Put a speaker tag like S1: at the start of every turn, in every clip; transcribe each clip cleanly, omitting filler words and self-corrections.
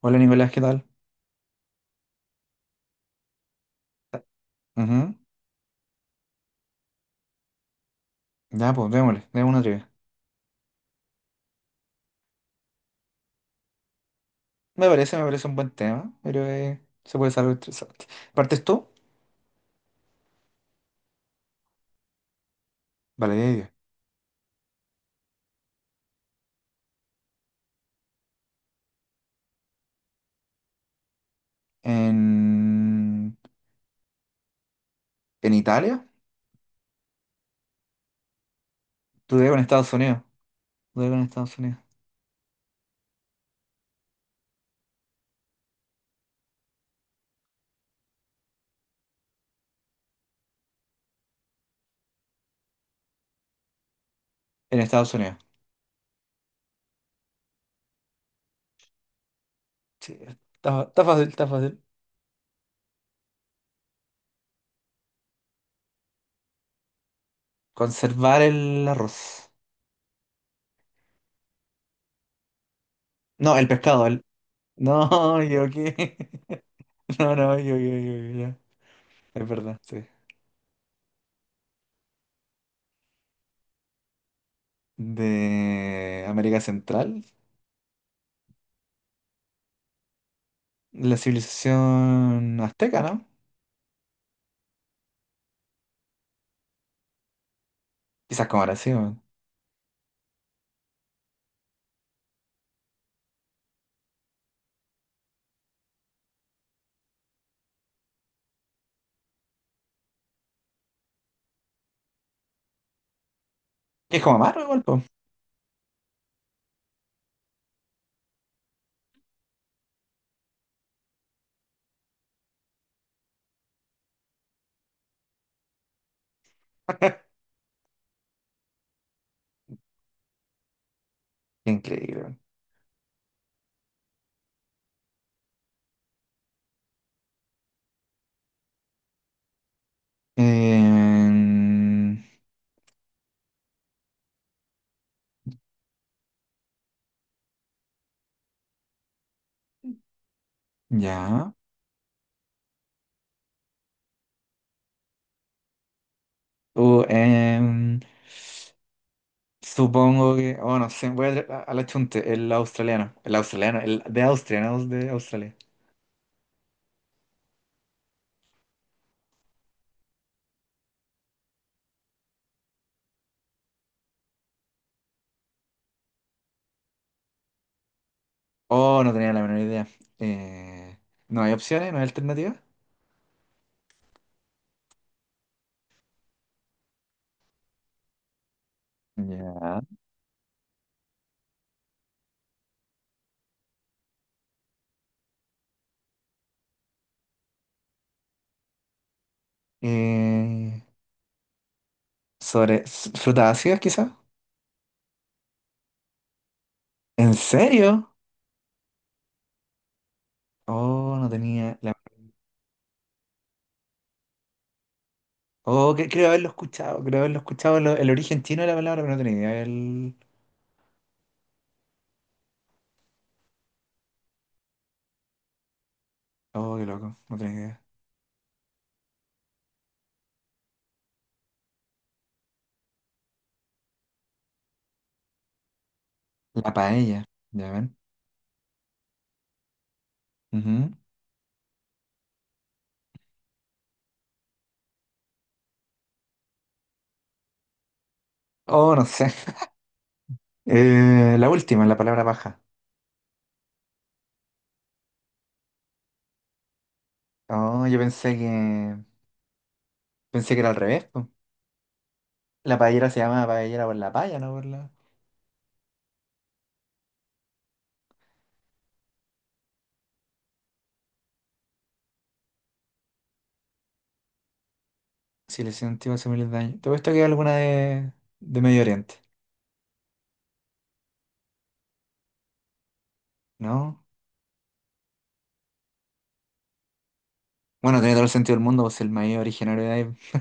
S1: Hola Nicolás, ¿qué tal? Ujú. Ya, pues démosle, démosle una trivia. Me parece un buen tema, pero se puede saber interesante. ¿Partes tú? Vale, ya, ya. En... ¿En Italia? Tú con Estados Unidos. Tú con Estados Unidos. En Estados Unidos. Sí, está, está fácil, está fácil. Conservar el arroz. No, el pescado. El... No, yo qué. No, no, yo, ya. Es verdad, sí. De América Central, la civilización azteca, ¿no? Quizás como ahora sí, weón. Que es como amargo igual, po. Qué increíble, weón. Em, ya. Uh, em, supongo que. Oh, no sé. Voy a la chunte. El australiano. El australiano. El de Austria, no es de Australia. Oh, no tenía la menor idea. Eh, no hay opciones, no hay alternativas. Ya. Eh, sobre s- frutas ácidas, quizás. ¿En serio? Oh, no tenía la... Oh, que- creo haberlo escuchado lo- el origen chino de la palabra, pero no tenía idea. El... Oh, qué loco, no tenía idea. La paella, ya ven. Ujú. Oh, no sé. La última, la palabra paja. Oh, yo pensé que era al revés, po. La paellera se llama paellera por la paya, no por la. Si le sentí hace miles de años. ¿Te puesto que hay alguna de Medio Oriente? ¿No? Bueno, tiene todo el sentido del mundo, pues el maíz originario de ahí.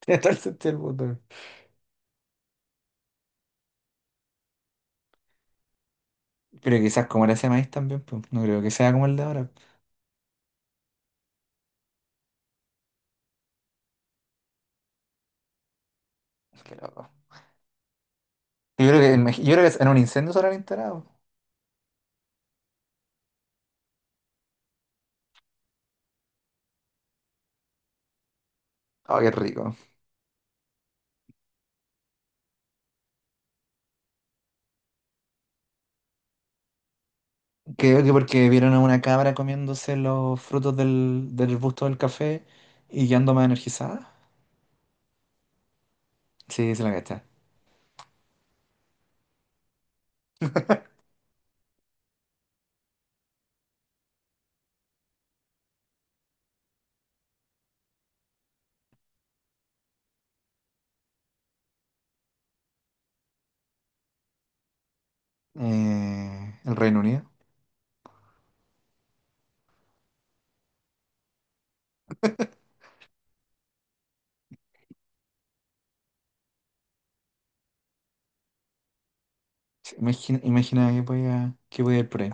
S1: Tiene todo el sentido del mundo. Pero quizás como era ese maíz también, pues no creo que sea como el de ahora. Qué loco. Yo creo que, en Mex- yo creo que en un incendio se habrán instalado. Oh, qué rico. Creo que porque vieron a una cabra comiéndose los frutos del, del arbusto del café y quedando más energizada. Sí, se la cacha. El Reino Unido. Sí, imagina, imagina que podía ir por ahí.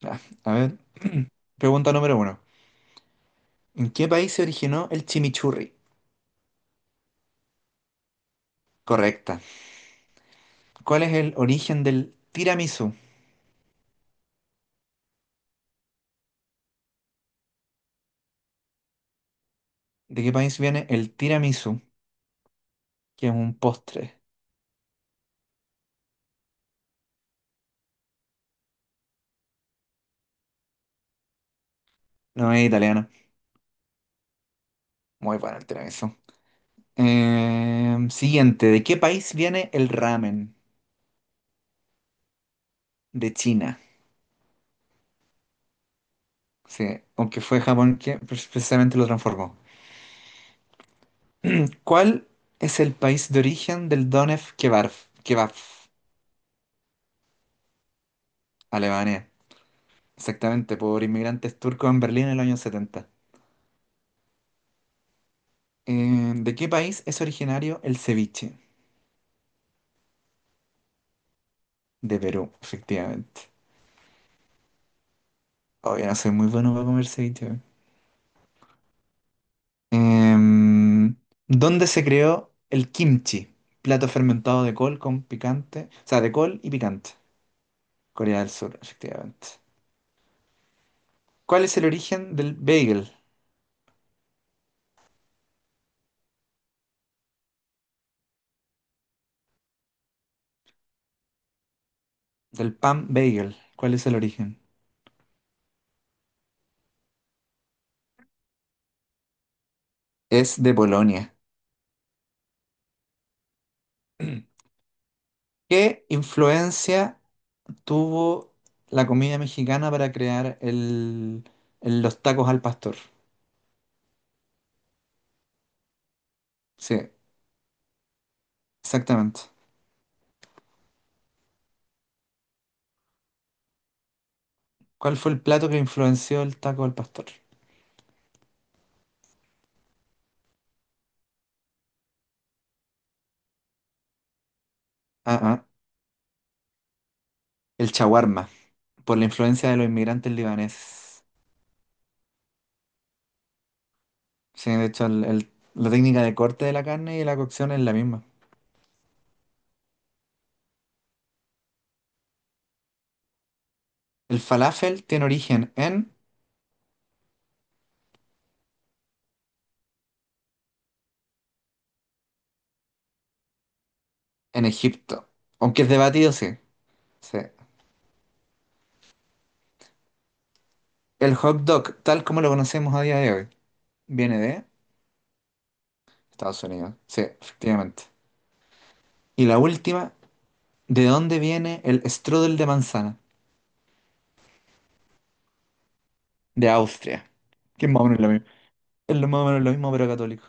S1: Ya, a ver. Pregunta número 1. ¿En qué país se originó el chimichurri? Correcta. ¿Cuál es el origen del tiramisú? ¿De qué país viene el tiramisú? Que es un postre. No es italiano. Muy bueno el tiramisú. Siguiente, ¿de qué país viene el ramen? De China. Sí, aunque fue Japón que pre- precisamente lo transformó. ¿Cuál es el país de origen del Donef Kebab? Kebab, Alemania. Exactamente, por inmigrantes turcos en Berlín en los años 70. ¿De qué país es originario el ceviche? De Perú, efectivamente. Oye, no soy muy bueno para comer ceviche. Em, ¿Dónde se creó el kimchi? Plato fermentado de col con picante, o sea, de col y picante. Corea del Sur, efectivamente. ¿Cuál es el origen del bagel, del pan bagel? ¿Cuál es el origen? Es de Polonia. ¿Qué influencia tuvo la comida mexicana para crear el- los tacos al pastor? Sí, exactamente. ¿Cuál fue el plato que influenció el taco al pastor? Ah, ah, el shawarma. Por la influencia de los inmigrantes libaneses. Sí, de hecho, el- la técnica de corte de la carne y la cocción es la misma. El falafel tiene origen en Egipto, aunque es debatido, sí. Sí. El hot dog, tal como lo conocemos a día de hoy, viene de Estados Unidos. Sí, efectivamente. Y la última, ¿de dónde viene el strudel de manzana? De Austria. Que es más o menos lo mismo. Es lo más o menos lo mismo, pero católico.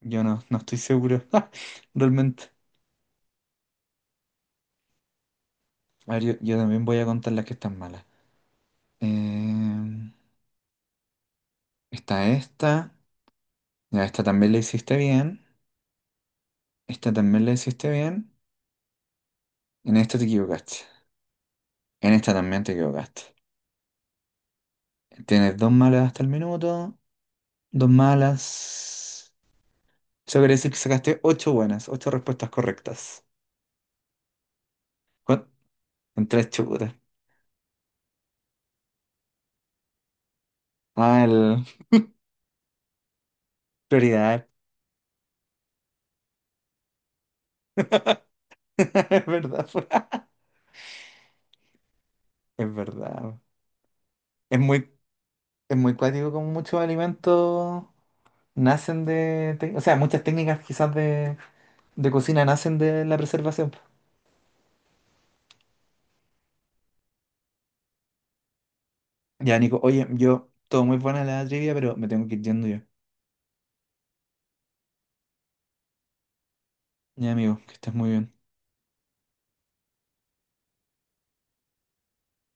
S1: Yo no, no estoy seguro. Realmente. A ver, yo también voy a contar las que están malas. Em, está esta. Ya, esta también la hiciste bien. Esta también la hiciste bien. En esta te equivocaste. En esta también te equivocaste. Tienes 2 malas hasta el minuto. 2 malas. Eso quiere decir que sacaste 8 buenas, 8 respuestas correctas. ¿Cuán-? En 3 chutas. Ah, el... prioridad. Es verdad, po. Es verdad. Es muy, es muy cuático como muchos alimentos nacen de... tec- O sea, muchas técnicas quizás de cocina nacen de la preservación, po. Ya, Nico, oye, yo, todo muy buena la trivia, pero me tengo que ir yendo yo. Ya, amigo, que estés muy bien.